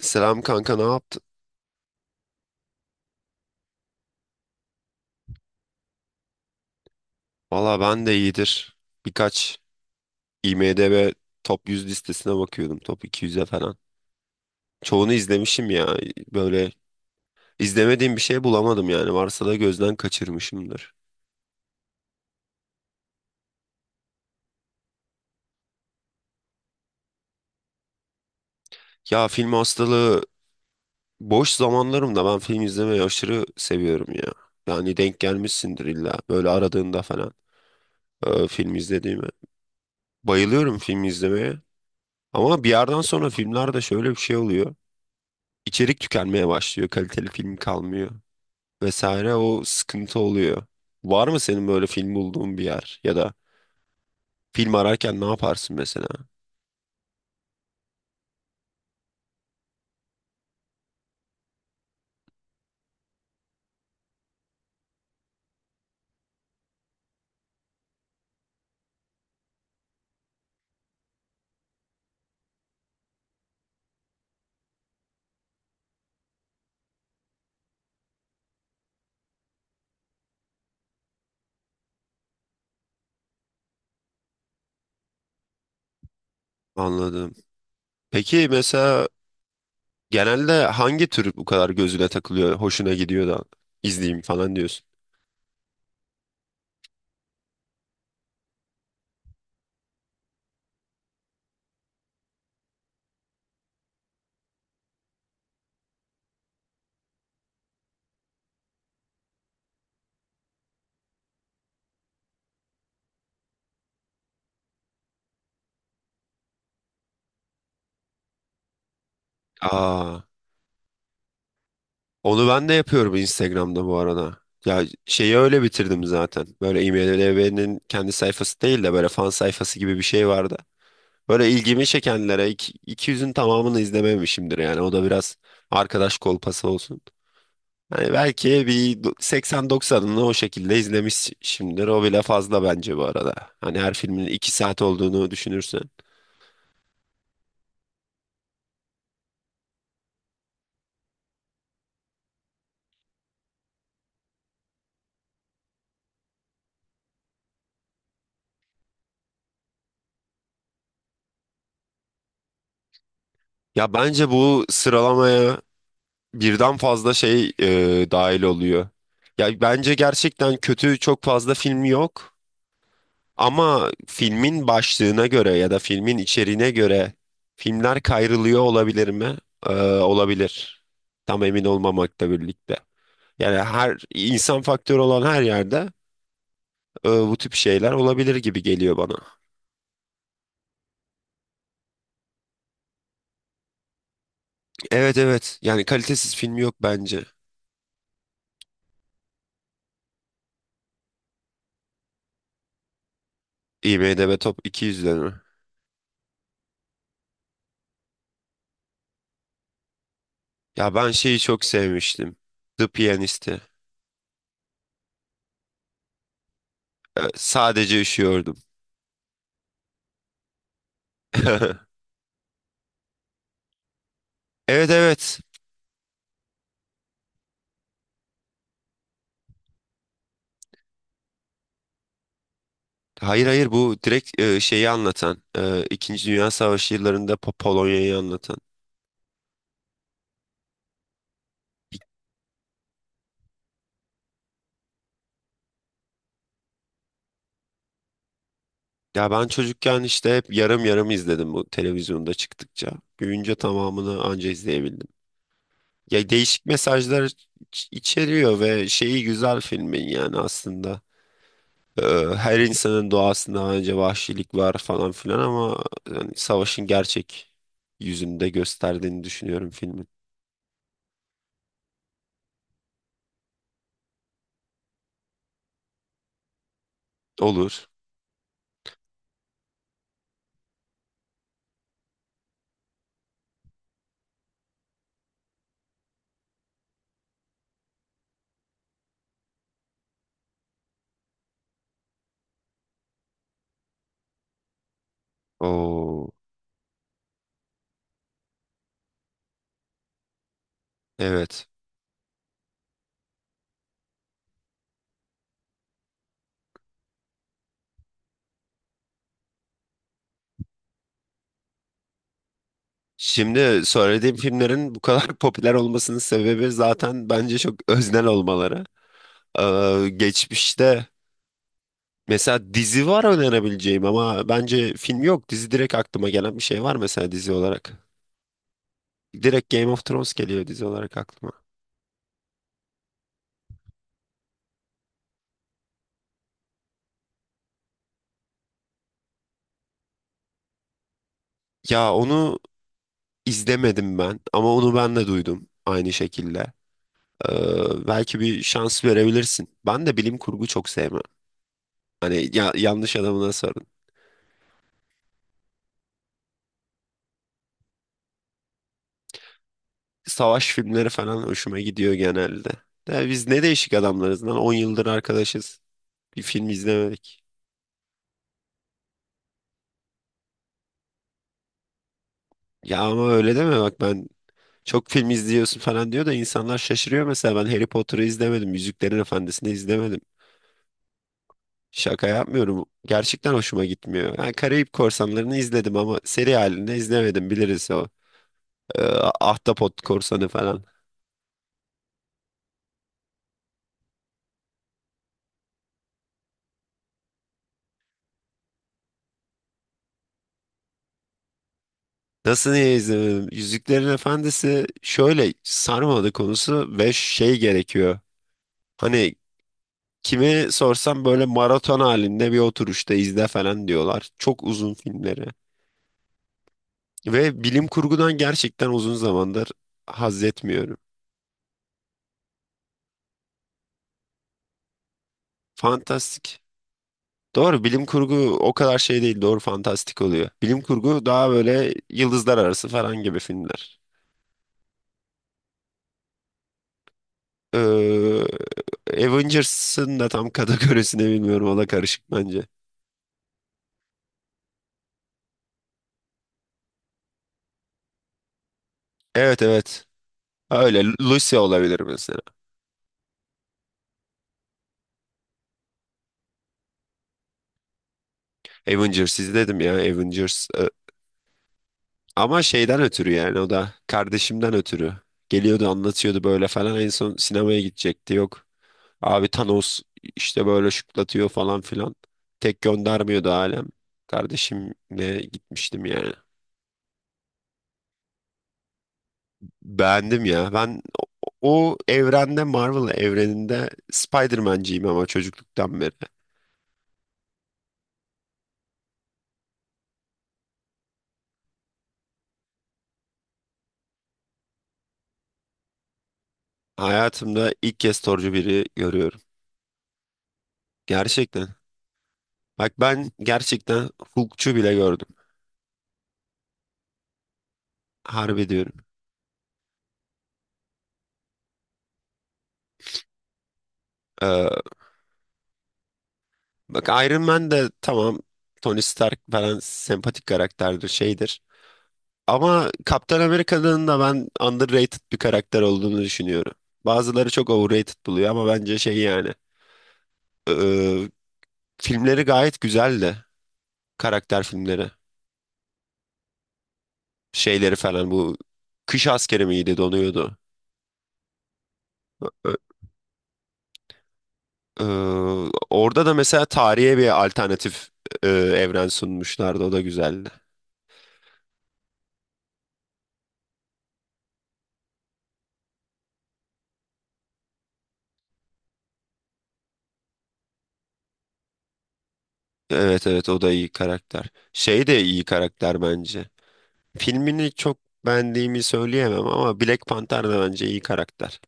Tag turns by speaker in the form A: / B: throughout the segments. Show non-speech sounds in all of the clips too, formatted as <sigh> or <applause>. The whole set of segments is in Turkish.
A: Selam kanka, ne yaptın? Valla ben de iyidir. Birkaç IMDb Top 100 listesine bakıyordum. Top iki yüz'e falan. Çoğunu izlemişim ya. Böyle izlemediğim bir şey bulamadım yani. Varsa da gözden kaçırmışımdır. Ya film hastalığı, boş zamanlarımda ben film izlemeyi aşırı seviyorum ya. Yani denk gelmişsindir illa. Böyle aradığında falan film izlediğimi. Bayılıyorum film izlemeye. Ama bir yerden sonra filmlerde şöyle bir şey oluyor. İçerik tükenmeye başlıyor. Kaliteli film kalmıyor. Vesaire, o sıkıntı oluyor. Var mı senin böyle film bulduğun bir yer ya da film ararken ne yaparsın mesela? Anladım. Peki mesela genelde hangi tür bu kadar gözüne takılıyor, hoşuna gidiyor da izleyeyim falan diyorsun? Aa, onu ben de yapıyorum Instagram'da bu arada. Ya şeyi öyle bitirdim zaten. Böyle IMDb'nin kendi sayfası değil de böyle fan sayfası gibi bir şey vardı. Böyle ilgimi çekenlere 200'ün tamamını izlememişimdir yani. O da biraz arkadaş kolpası olsun. Hani belki 80-90'ını o şekilde izlemişimdir. O bile fazla bence bu arada. Hani her filmin 2 saat olduğunu düşünürsen. Ya bence bu sıralamaya birden fazla şey dahil oluyor. Ya bence gerçekten kötü çok fazla film yok. Ama filmin başlığına göre ya da filmin içeriğine göre filmler kayrılıyor olabilir mi? Olabilir. Tam emin olmamakla birlikte. Yani her insan faktörü olan her yerde bu tip şeyler olabilir gibi geliyor bana. Evet, evet. Yani kalitesiz film yok bence. IMDb Top 200'de mi? Ya ben şeyi çok sevmiştim. The Pianist'i. Sadece üşüyordum. <laughs> Evet, evet. Hayır, hayır, bu direkt şeyi anlatan. İkinci Dünya Savaşı yıllarında Polonya'yı anlatan. Ya ben çocukken işte hep yarım yarım izledim bu televizyonda çıktıkça. Büyüyünce tamamını anca izleyebildim. Ya değişik mesajlar içeriyor ve şeyi güzel filmin yani aslında. Ee, Her insanın doğasında bence vahşilik var falan filan ama yani savaşın gerçek yüzünde gösterdiğini düşünüyorum filmin. Olur. Oo, evet. Şimdi söylediğim filmlerin bu kadar <laughs> popüler olmasının sebebi zaten bence çok öznel olmaları. Geçmişte mesela dizi var önerebileceğim ama bence film yok. Dizi direkt aklıma gelen bir şey var mesela dizi olarak. Direkt Game of Thrones geliyor dizi olarak aklıma. Ya onu izlemedim ben ama onu ben de duydum aynı şekilde. Belki bir şans verebilirsin. Ben de bilim kurgu çok sevmem. Hani yanlış adamına sorun. Savaş filmleri falan hoşuma gidiyor genelde. De biz ne değişik adamlarız lan, on yıldır arkadaşız. Bir film izlemedik. Ya ama öyle deme, bak ben çok film izliyorsun falan diyor da insanlar şaşırıyor, mesela ben Harry Potter'ı izlemedim. Yüzüklerin Efendisi'ni izlemedim. Şaka yapmıyorum. Gerçekten hoşuma gitmiyor. Yani Karayip Korsanları'nı izledim ama seri halinde izlemedim, biliriz o. Ee, Ahtapot Korsanı falan. Nasıl niye izlemedim? Yüzüklerin Efendisi şöyle sarmadı konusu ve şey gerekiyor. Hani kime sorsam böyle maraton halinde bir oturuşta izle falan diyorlar. Çok uzun filmleri. Ve bilim kurgudan gerçekten uzun zamandır haz etmiyorum. Fantastik. Doğru, bilim kurgu o kadar şey değil, doğru, fantastik oluyor. Bilim kurgu daha böyle yıldızlar arası falan gibi filmler. Ee, Avengers'ın da tam <laughs> kategorisini bilmiyorum, o da karışık bence. Evet, evet, öyle Lucy olabilir mesela. Avengers izledim ya, Avengers. Ama şeyden ötürü, yani o da kardeşimden ötürü. Geliyordu anlatıyordu böyle falan, en son sinemaya gidecekti yok. Abi Thanos işte böyle şıklatıyor falan filan. Tek göndermiyordu alem. Kardeşimle gitmiştim yani. Beğendim ya. Ben o evrende, Marvel evreninde Spider-Man'ciyim ama çocukluktan beri. Hayatımda ilk kez Thor'cu biri görüyorum. Gerçekten. Bak ben gerçekten Hulk'çu bile gördüm. Harbi diyorum. Ee, Bak Iron Man de tamam, Tony Stark falan sempatik karakterdir, şeydir. Ama Kaptan Amerika'nın da ben underrated bir karakter olduğunu düşünüyorum. Bazıları çok overrated buluyor ama bence şey yani. e, e, Filmleri gayet güzeldi. Karakter filmleri. Şeyleri falan bu. Kış askeri miydi, donuyordu. E, e, Orada da mesela tarihe bir alternatif evren sunmuşlardı. O da güzeldi. Evet, evet, o da iyi karakter. Şey de iyi karakter bence. Filmini çok beğendiğimi söyleyemem ama Black Panther da bence iyi karakter.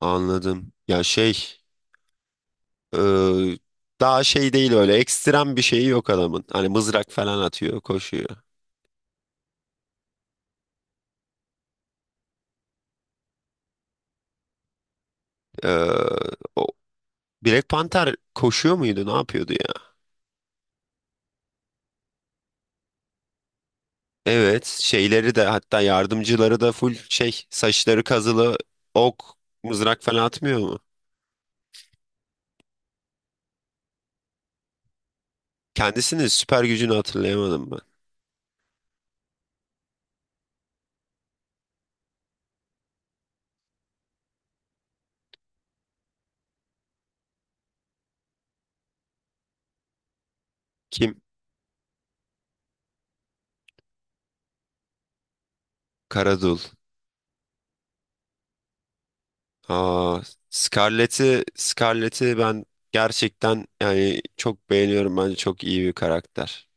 A: Anladım. Ya e, daha şey değil, öyle ekstrem bir şeyi yok adamın. Hani mızrak falan atıyor, koşuyor. E, O Black Panther koşuyor muydu, ne yapıyordu ya? Evet, şeyleri de, hatta yardımcıları da full şey, saçları kazılı, ok, mızrak falan atmıyor mu? Kendisinin süper gücünü hatırlayamadım ben. Kim? Karadul. Aa, Scarlett'i ben gerçekten yani çok beğeniyorum. Bence çok iyi bir karakter.